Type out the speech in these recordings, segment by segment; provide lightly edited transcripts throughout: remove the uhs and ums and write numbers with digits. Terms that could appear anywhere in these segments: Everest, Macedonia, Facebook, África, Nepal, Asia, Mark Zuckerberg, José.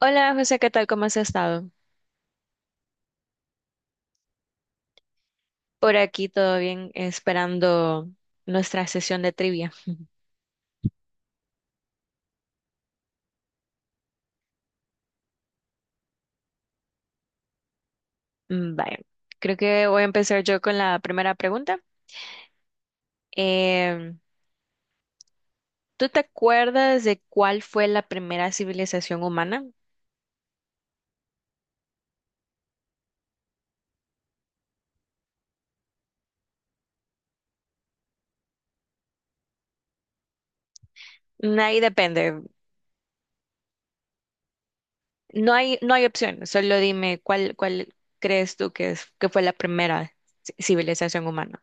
Hola José, ¿qué tal? ¿Cómo has estado? Por aquí todo bien, esperando nuestra sesión de trivia. Vaya, creo que voy a empezar yo con la primera pregunta. Em, ¿Tú te acuerdas de cuál fue la primera civilización humana? Ahí depende. No hay opción. Solo dime cuál crees tú que es, que fue la primera civilización humana.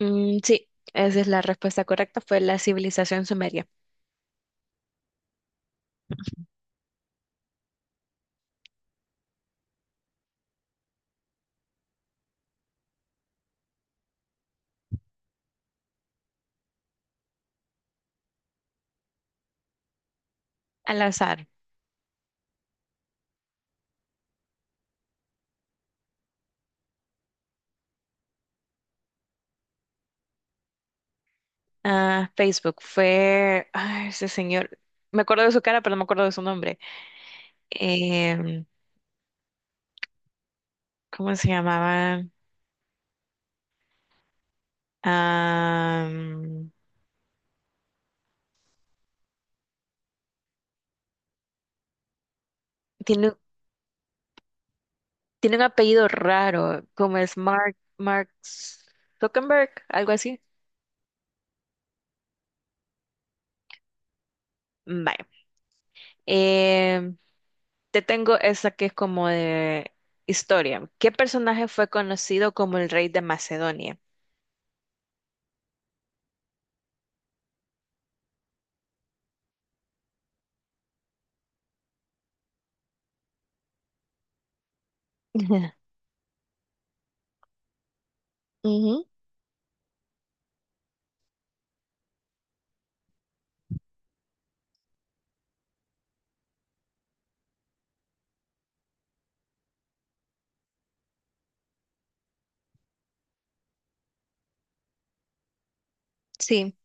Mm, sí, esa es la respuesta correcta. Fue la civilización sumeria. Al azar. Ah, Facebook fue, ay, ese señor, me acuerdo de su cara, pero no me acuerdo de su nombre. Em, ¿Cómo se llamaba? Am, tiene, tiene un apellido raro, como es Mark Zuckerberg, algo así. Vaya. Em, Te tengo esa que es como de historia. ¿Qué personaje fue conocido como el rey de Macedonia? Ujú. Ujú, sí,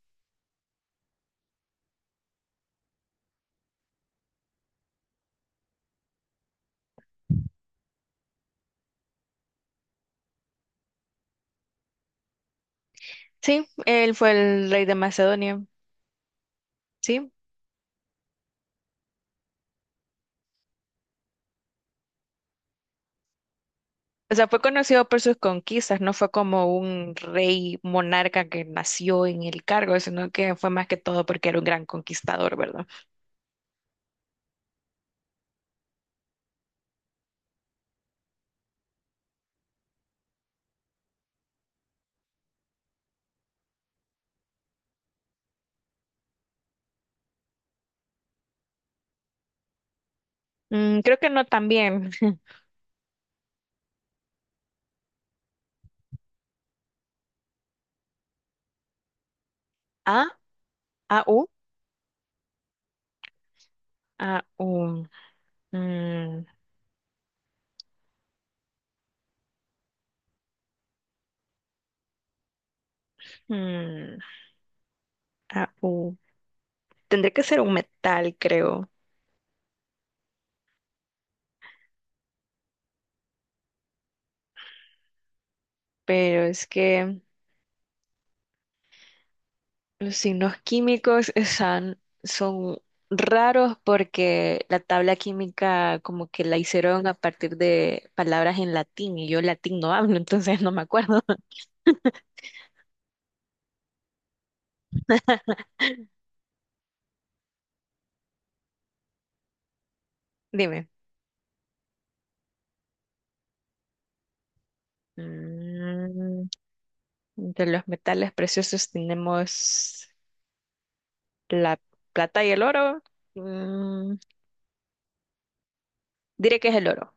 sí, él fue el rey de Macedonia. Sí, o sea, fue conocido por sus conquistas, no fue como un rey monarca que nació en el cargo, sino que fue más que todo porque era un gran conquistador, ¿verdad? Mm, creo que no también. A, A, U, A, U. Mm, mm, A, U. Tendría que ser un metal, creo, pero es que los signos químicos son raros porque la tabla química como que la hicieron a partir de palabras en latín y yo latín no hablo, entonces no me acuerdo. Dime. Mm, entre los metales preciosos tenemos la plata y el oro. Mm, diré que es el oro.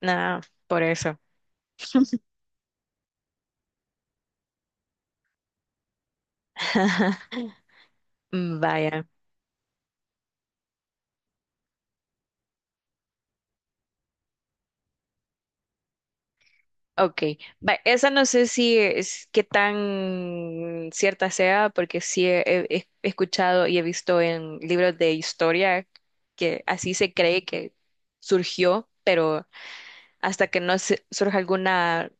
Nada, por eso. Vaya. Ok, va, esa no sé si es qué tan cierta sea, porque sí he escuchado y he visto en libros de historia que así se cree que surgió, pero hasta que no se- surja alguna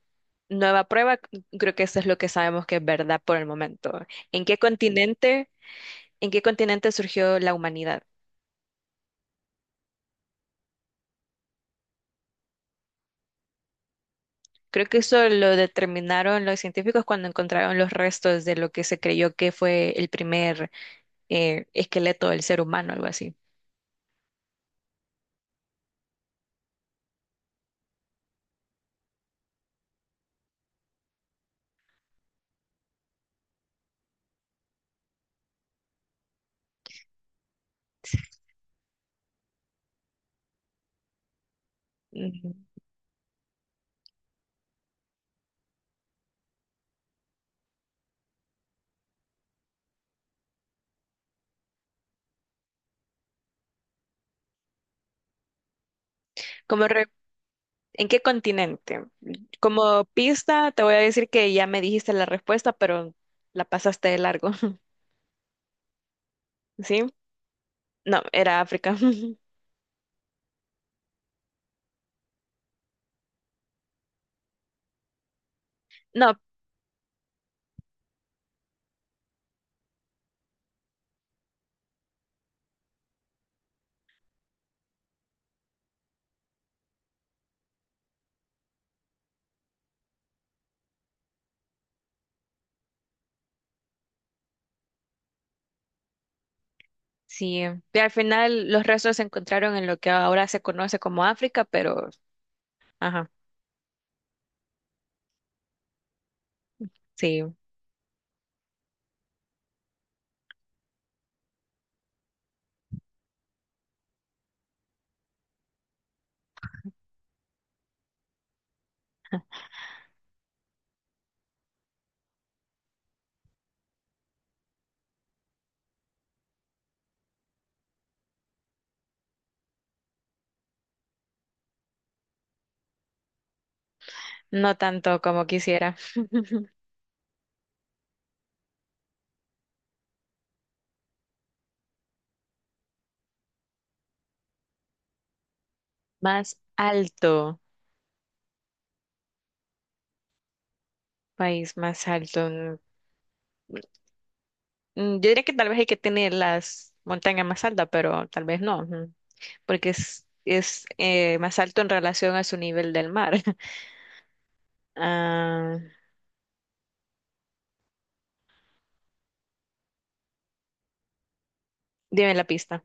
nueva prueba, creo que eso es lo que sabemos que es verdad por el momento. ¿En qué continente, ¿En qué continente surgió la humanidad? Creo que eso lo determinaron los científicos cuando encontraron los restos de lo que se creyó que fue el primer esqueleto del ser humano, algo así. Ujú. Como re- ¿En qué continente? Como pista, te voy a decir que ya me dijiste la respuesta, pero la pasaste de largo. ¿Sí? No, era África. No, sí. Y al final los restos se encontraron en lo que ahora se conoce como África, pero, ajá, sí, no tanto como quisiera. Más alto, país más alto. Mm, yo diría que tal vez el que tiene las montañas más altas, pero tal vez no. Porque es más alto en relación a su nivel del mar. Ah, dime la pista.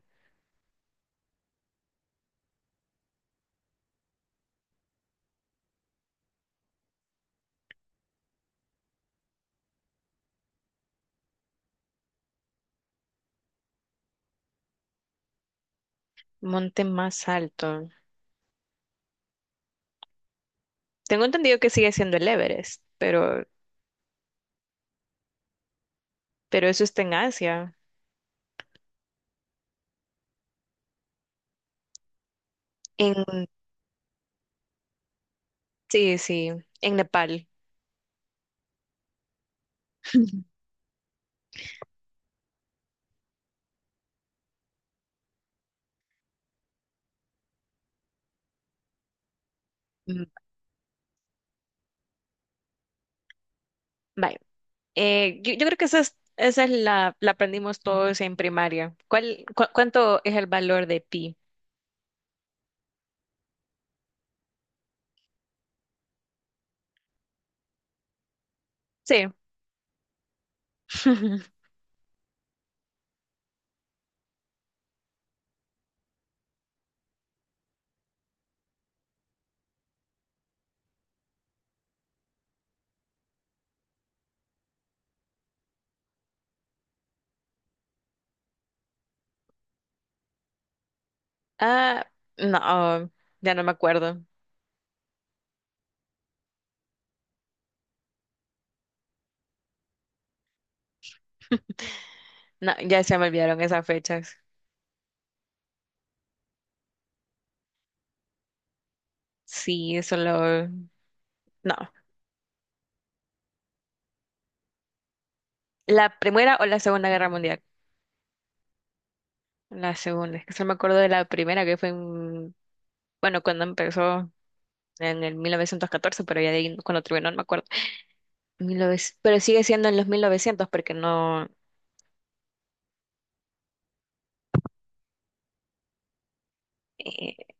Monte más alto. Tengo entendido que sigue siendo el Everest, pero eso está en Asia. En, sí, sí, en Nepal. Mm, vaya. Yo creo que la aprendimos todos en primaria. ¿Cuánto es el valor de pi? Sí. Ah, no, ya no me acuerdo. No, ya se me olvidaron esas fechas. Sí, solo no, la Primera o la Segunda Guerra Mundial. La segunda, es que solo me acuerdo de la primera que fue en, bueno, cuando empezó en el 1914, pero ya de ahí cuando terminó no me acuerdo. Mil novecientos, pero sigue siendo en los 1900 porque no, eh,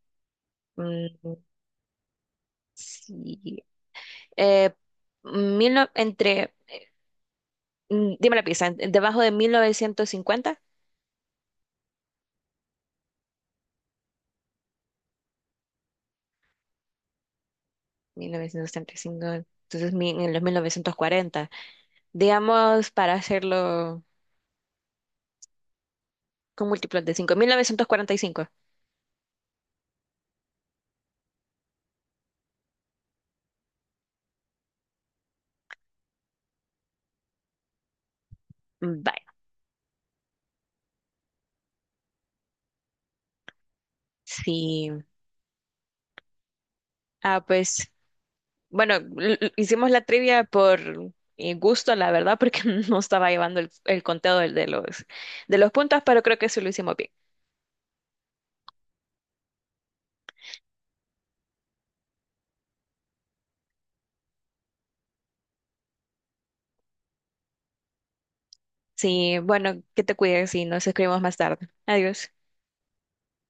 mm, sí, eh, mil no- entre, dime la pista, debajo de 1950, cinco, entonces en los 1940, digamos para hacerlo con múltiplos de 5, 1945. Vaya. Sí, ah, pues bueno, hicimos la trivia por gusto, la verdad, porque no estaba llevando el conteo de los puntos, pero creo que sí lo hicimos bien. Sí, bueno, que te cuides y nos escribimos más tarde. Adiós.